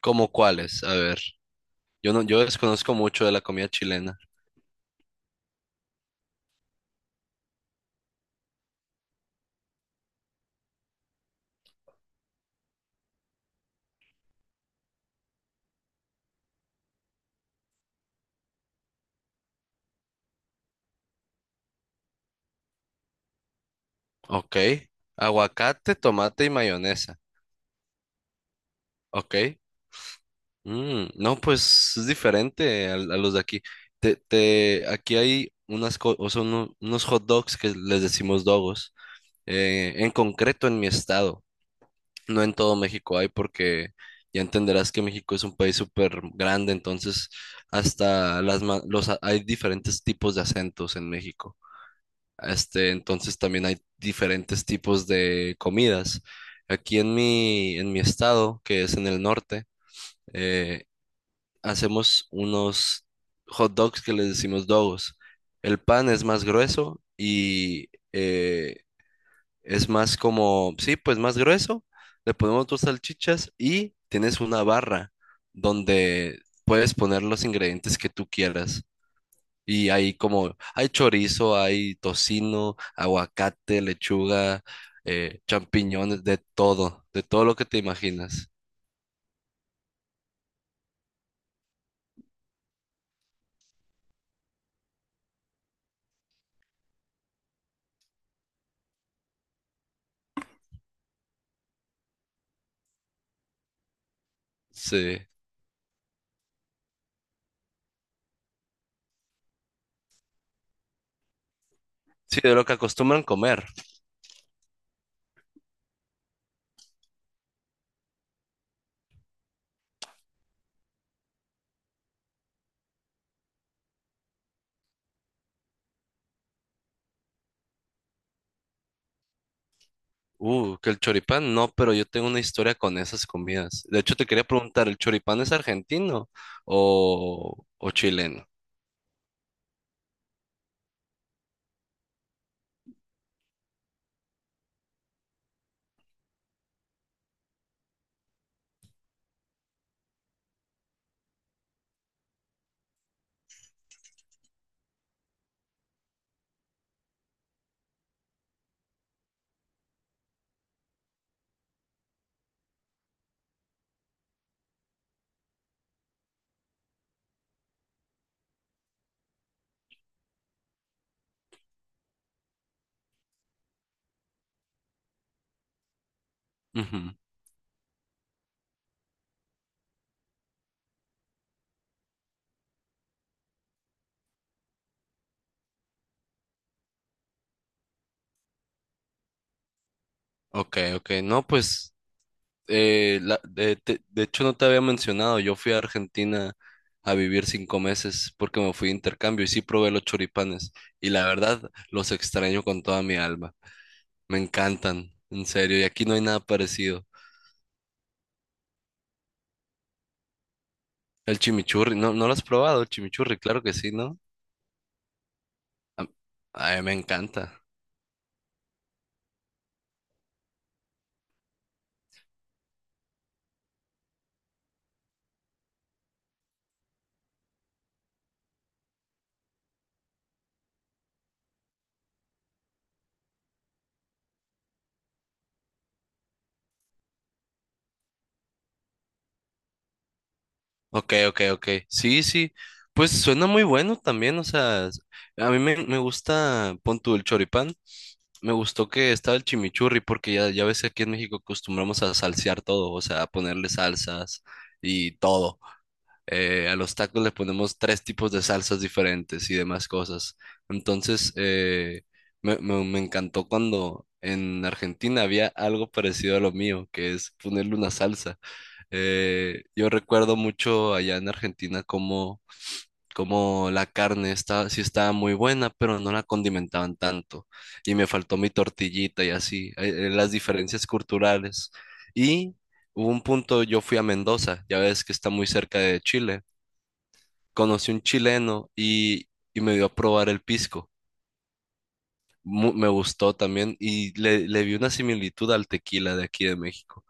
¿Cómo cuáles? A ver, yo no, yo desconozco mucho de la comida chilena. Ok. Aguacate, tomate y mayonesa. Ok. Mm, no, pues es diferente a los de aquí. Aquí hay unas o sea, unos hot dogs que les decimos dogos, en concreto en mi estado. No en todo México hay porque ya entenderás que México es un país súper grande, entonces hasta las hay diferentes tipos de acentos en México. Este, entonces también hay diferentes tipos de comidas. Aquí en mi estado, que es en el norte, eh, hacemos unos hot dogs que les decimos dogos. El pan es más grueso y, eh, es más como, sí, pues más grueso. Le ponemos dos salchichas y tienes una barra donde puedes poner los ingredientes que tú quieras. Y hay como, hay chorizo, hay tocino, aguacate, lechuga, champiñones, de todo lo que te imaginas. Sí, sí, de lo que acostumbran comer. Que el choripán, no, pero yo tengo una historia con esas comidas. De hecho, te quería preguntar, ¿el choripán es argentino o chileno? Ujú. Ok, ok. No, pues, de hecho no te había mencionado, yo fui a Argentina a vivir 5 meses porque me fui de intercambio y sí probé los choripanes y la verdad los extraño con toda mi alma. Me encantan, en serio, y aquí no hay nada parecido. El chimichurri, ¿no, no lo has probado, el chimichurri? Claro que sí, ¿no? A, a mí me encanta. Ok, ok, ok. Sí, sí. Pues suena muy bueno también, o sea, a mí me gusta, pon tú el choripán. Me gustó que estaba el chimichurri, porque ya, ya ves que aquí en México acostumbramos a salsear todo, o sea, a ponerle salsas y todo. A los tacos le ponemos 3 tipos de salsas diferentes y demás cosas. Entonces, me encantó cuando en Argentina había algo parecido a lo mío, que es ponerle una salsa. Yo recuerdo mucho allá en Argentina como, como la carne estaba, sí estaba muy buena, pero no la condimentaban tanto. Y me faltó mi tortillita y así, las diferencias culturales. Y hubo un punto, yo fui a Mendoza, ya ves que está muy cerca de Chile. Conocí un chileno y me dio a probar el pisco. Me gustó también y le vi una similitud al tequila de aquí de México.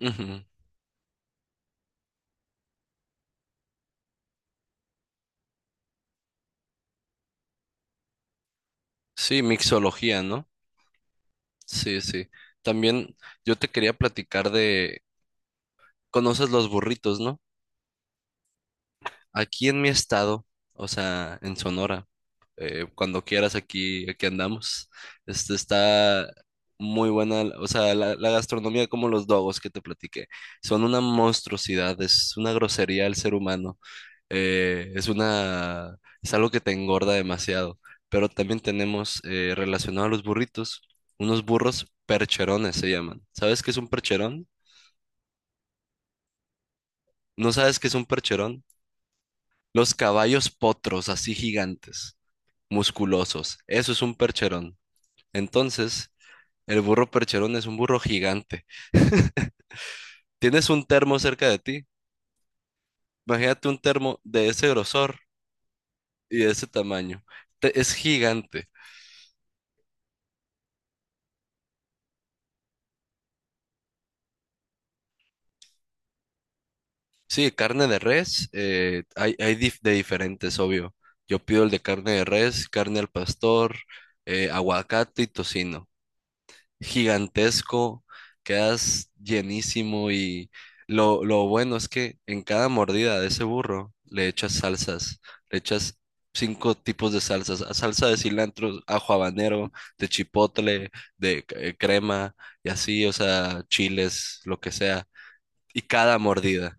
Ujú. Sí, mixología, ¿no? Sí, sí. También yo te quería platicar de, ¿conoces los burritos, no? Aquí en mi estado, o sea, en Sonora, cuando quieras aquí, aquí andamos. Este está muy buena, o sea, la gastronomía como los dogos que te platiqué, son una monstruosidad, es una grosería al ser humano. Es una, es algo que te engorda demasiado. Pero también tenemos, relacionado a los burritos, unos burros percherones se llaman. ¿Sabes qué es un percherón? ¿No sabes qué es un percherón? Los caballos potros, así gigantes, musculosos. Eso es un percherón. Entonces, el burro percherón es un burro gigante. Tienes un termo cerca de ti. Imagínate un termo de ese grosor y de ese tamaño. Es gigante. Sí, carne de res, hay, de diferentes, obvio. Yo pido el de carne de res, carne al pastor, aguacate y tocino. Gigantesco, quedas llenísimo y lo bueno es que en cada mordida de ese burro le echas salsas, le echas 5 tipos de salsas, salsa de cilantro, ajo habanero, de chipotle, de crema y así, o sea, chiles, lo que sea. Y cada mordida.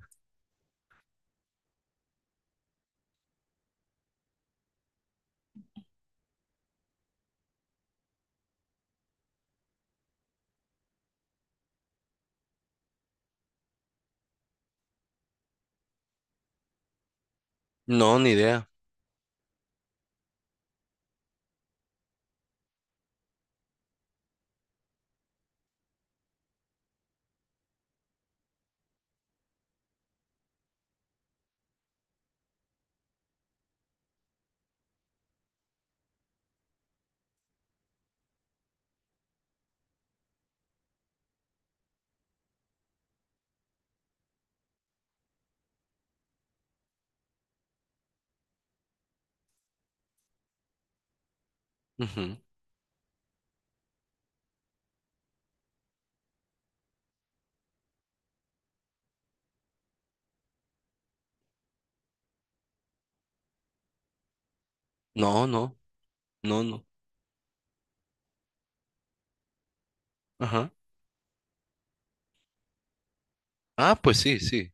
No, ni idea. Ujú. No, no, no, no. Ajá. Ah, pues sí, sí.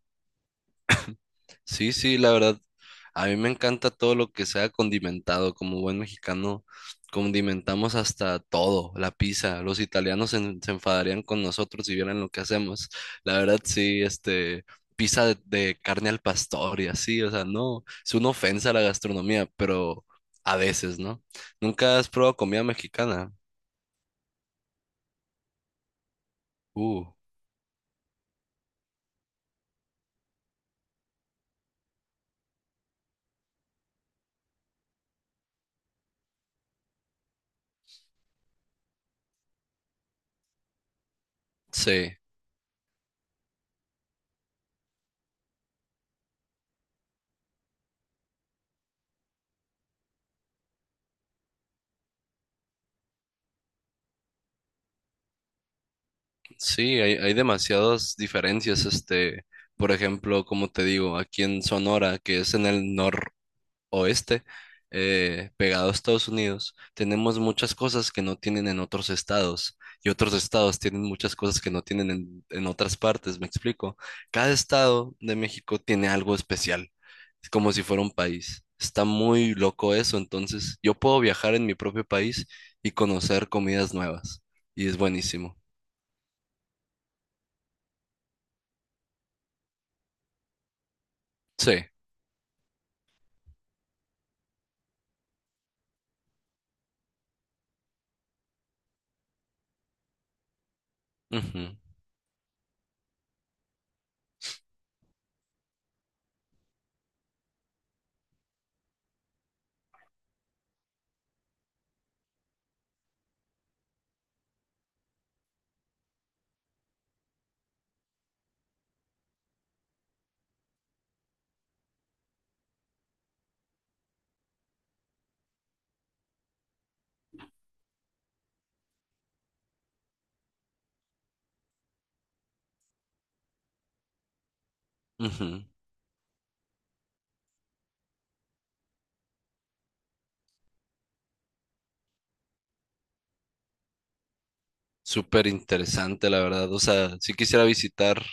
Sí, sí, la verdad. A mí me encanta todo lo que sea condimentado. Como buen mexicano, condimentamos hasta todo, la pizza. Los italianos se enfadarían con nosotros si vieran lo que hacemos. La verdad, sí, este, pizza de carne al pastor y así. O sea, no, es una ofensa a la gastronomía, pero a veces, ¿no? ¿Nunca has probado comida mexicana? Uh, sí. Sí, hay demasiadas diferencias. Este, por ejemplo, como te digo, aquí en Sonora, que es en el noroeste, pegado a Estados Unidos, tenemos muchas cosas que no tienen en otros estados y otros estados tienen muchas cosas que no tienen en otras partes. ¿Me explico? Cada estado de México tiene algo especial. Es como si fuera un país. Está muy loco eso. Entonces, yo puedo viajar en mi propio país y conocer comidas nuevas. Y es buenísimo. Sí. Ujú. Ujú. Súper interesante, la verdad. O sea, sí quisiera visitar,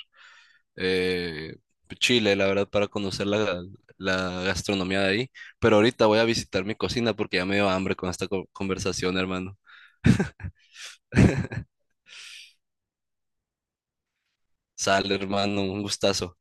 eh, Chile, la verdad, para conocer la gastronomía de ahí. Pero ahorita voy a visitar mi cocina porque ya me dio hambre con esta conversación, hermano. Sale, hermano, un gustazo.